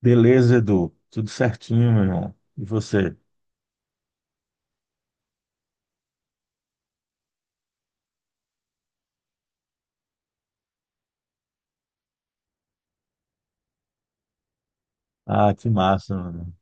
Beleza, Edu. Tudo certinho, meu irmão. E você? Ah, que massa, mano.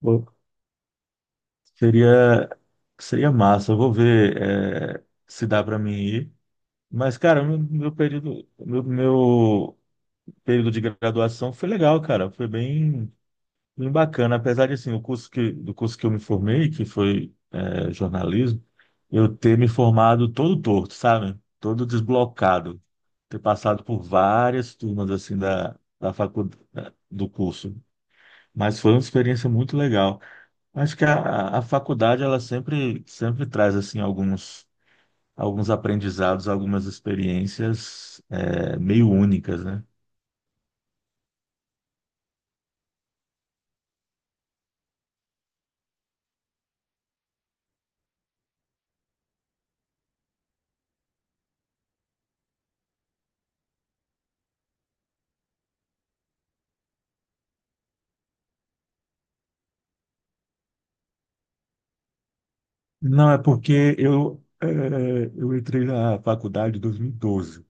Pô, seria, seria massa. Eu vou ver, se dá para mim ir. Mas, cara, meu período, meu período de graduação foi legal, cara. Foi bem Bem bacana, apesar de assim, do curso que eu me formei, que foi jornalismo, eu ter me formado todo torto, sabe? Todo desblocado, ter passado por várias turmas assim da faculdade do curso, mas foi uma experiência muito legal. Acho que a faculdade ela sempre traz assim alguns aprendizados, algumas experiências meio únicas, né? Não, é porque eu, eu entrei na faculdade em 2012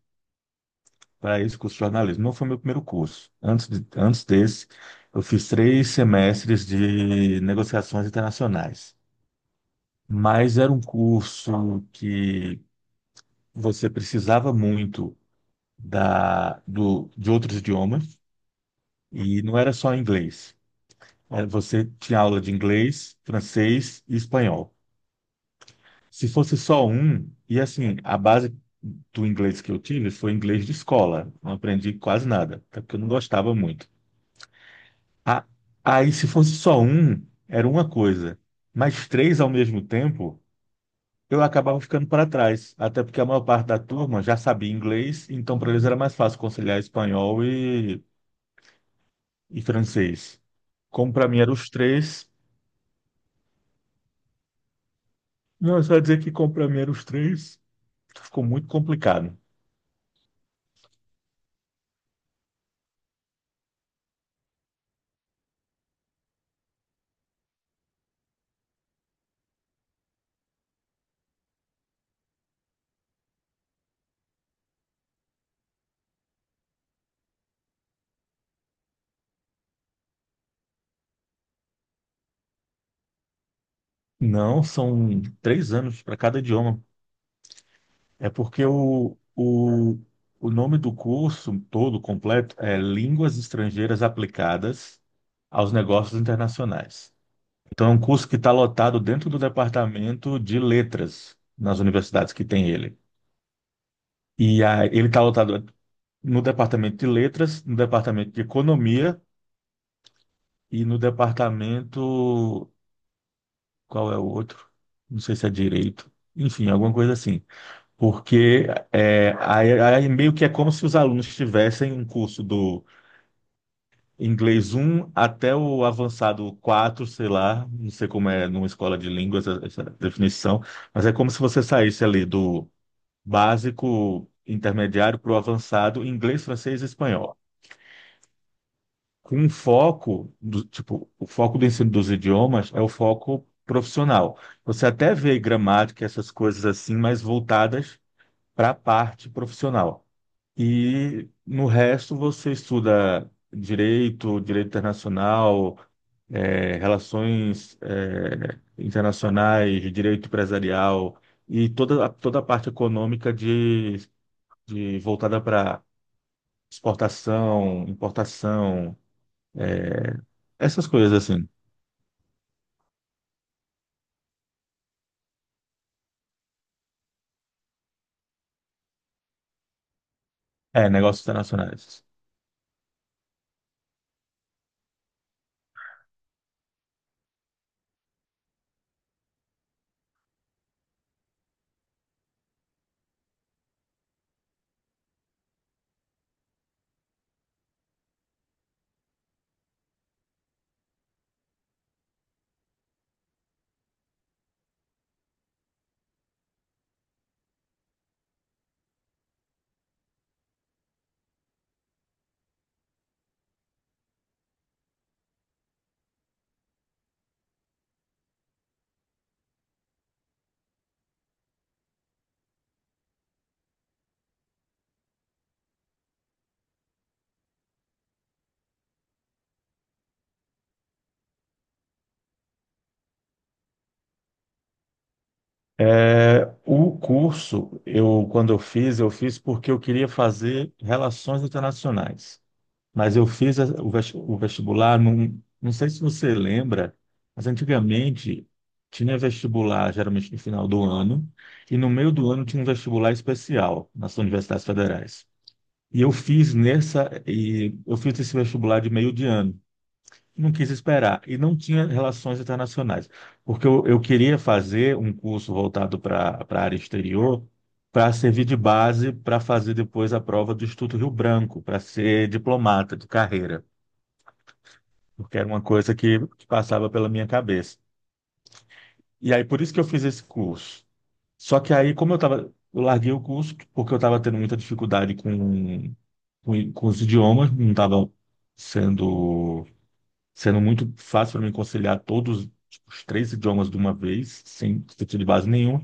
para esse curso de jornalismo. Não foi meu primeiro curso. Antes desse, eu fiz três semestres de negociações internacionais. Mas era um curso que você precisava muito de outros idiomas e não era só inglês. É, você tinha aula de inglês, francês e espanhol. Se fosse só um, e assim, a base do inglês que eu tive foi inglês de escola. Não aprendi quase nada, até porque eu não gostava muito. A- Aí, se fosse só um, era uma coisa. Mas três ao mesmo tempo, eu acabava ficando para trás. Até porque a maior parte da turma já sabia inglês, então para eles era mais fácil conciliar espanhol e francês. Como para mim eram os três. Não, é só ia dizer que como para mim eram os três, ficou muito complicado. Não, são três anos para cada idioma. É porque o nome do curso todo completo é Línguas Estrangeiras Aplicadas aos Negócios Internacionais. Então, é um curso que está lotado dentro do departamento de letras nas universidades que tem ele. E ele está lotado no departamento de letras, no departamento de economia e no departamento. Qual é o outro? Não sei se é direito. Enfim, alguma coisa assim. Porque é, aí meio que é como se os alunos tivessem um curso do inglês um até o avançado 4 sei lá, não sei como é numa escola de línguas essa definição, mas é como se você saísse ali do básico intermediário para o avançado inglês, francês e espanhol. Com um foco, tipo, o foco do ensino dos idiomas é o foco profissional. Você até vê gramática, essas coisas assim, mas voltadas para a parte profissional. E no resto você estuda direito, direito internacional, relações, internacionais, direito empresarial e toda a parte econômica de voltada para exportação, importação, eh, essas coisas assim. É, negócios internacionais. É, o curso, eu, quando eu fiz porque eu queria fazer relações internacionais. Mas eu fiz o vestibular, num, não sei se você lembra, mas antigamente tinha vestibular geralmente no final do ano, e no meio do ano tinha um vestibular especial nas universidades federais. E eu fiz nessa, e eu fiz esse vestibular de meio de ano. Não quis esperar, e não tinha relações internacionais, porque eu queria fazer um curso voltado para a área exterior, para servir de base para fazer depois a prova do Instituto Rio Branco, para ser diplomata de carreira porque era uma coisa que passava pela minha cabeça. E aí, por isso que eu fiz esse curso. Só que aí, como eu tava, eu larguei o curso porque eu estava tendo muita dificuldade com os idiomas, não estava sendo, sendo muito fácil para mim conciliar todos tipo, os três idiomas de uma vez, sem sentido de base nenhuma.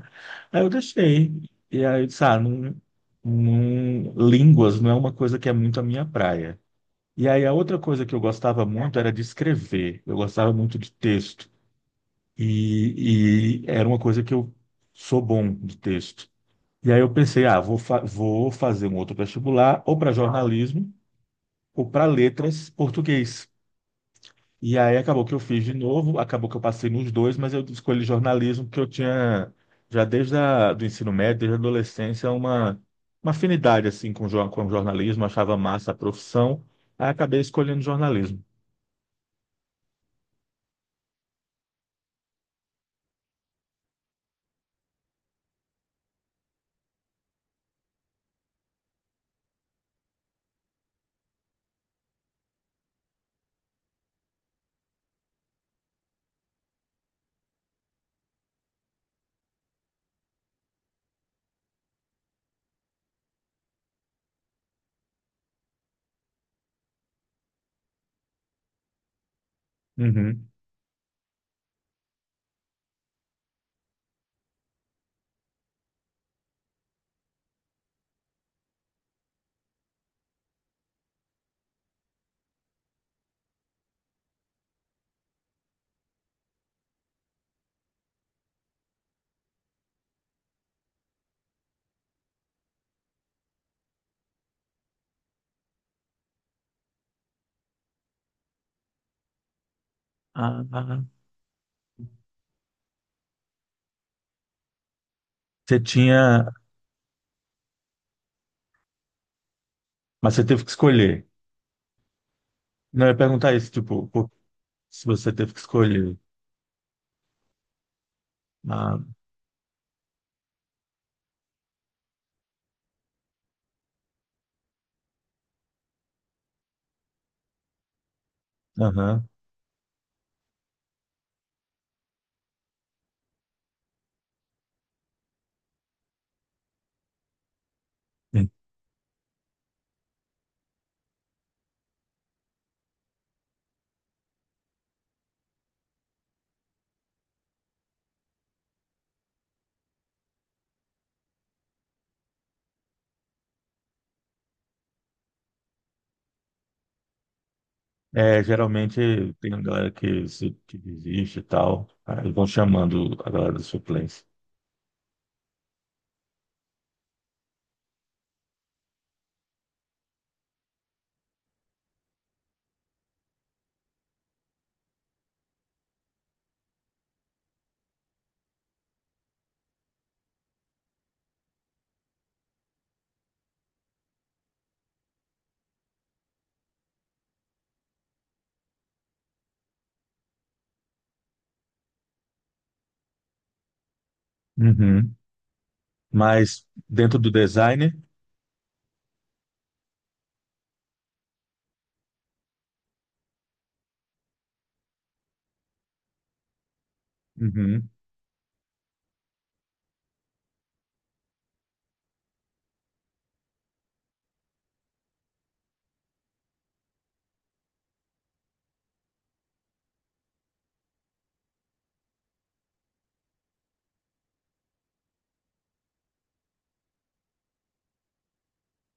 Aí eu deixei. E aí, eu disse, ah, não, línguas não é uma coisa que é muito a minha praia. E aí, a outra coisa que eu gostava muito era de escrever. Eu gostava muito de texto. E era uma coisa que eu sou bom de texto. E aí eu pensei, ah, vou fazer um outro vestibular, ou para jornalismo, ou para letras português. E aí acabou que eu fiz de novo, acabou que eu passei nos dois, mas eu escolhi jornalismo porque eu tinha, já desde do ensino médio, desde a adolescência, uma afinidade assim com jornalismo, achava massa a profissão, aí acabei escolhendo jornalismo. Uhum. Ah, ah, ah. você tinha, mas você teve que escolher. Não, eu ia perguntar isso, tipo, se você teve que escolher. Ah, aham. É, geralmente tem uma galera que, se- que desiste e tal. Aí vão chamando a galera da suplência. Uhum. Mas dentro do design, uhum.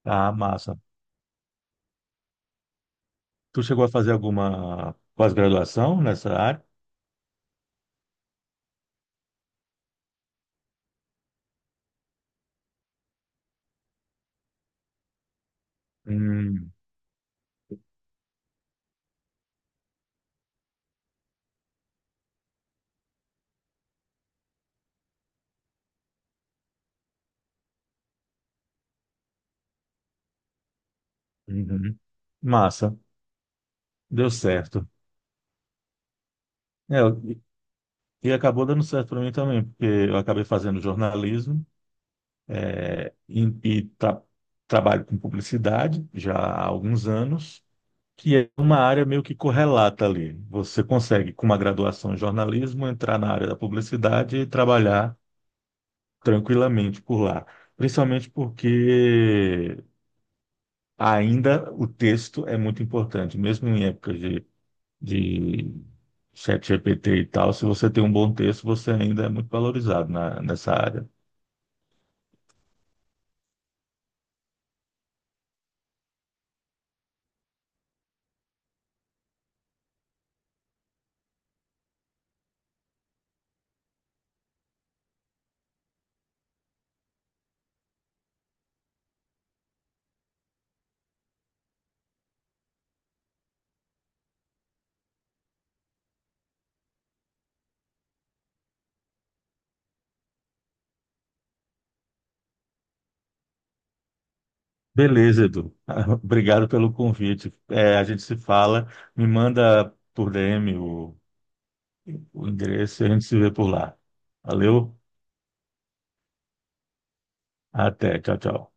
Ah, massa. Tu chegou a fazer alguma pós-graduação nessa área? Hum, uhum. Massa, deu certo. É, e acabou dando certo para mim também, porque eu acabei fazendo jornalismo. E trabalho com publicidade já há alguns anos, que é uma área meio que correlata ali. Você consegue, com uma graduação em jornalismo, entrar na área da publicidade e trabalhar tranquilamente por lá. Principalmente porque ainda o texto é muito importante, mesmo em época de ChatGPT e tal, se você tem um bom texto, você ainda é muito valorizado nessa área. Beleza, Edu. Obrigado pelo convite. É, a gente se fala, me manda por DM o endereço e a gente se vê por lá. Valeu, até, tchau, tchau.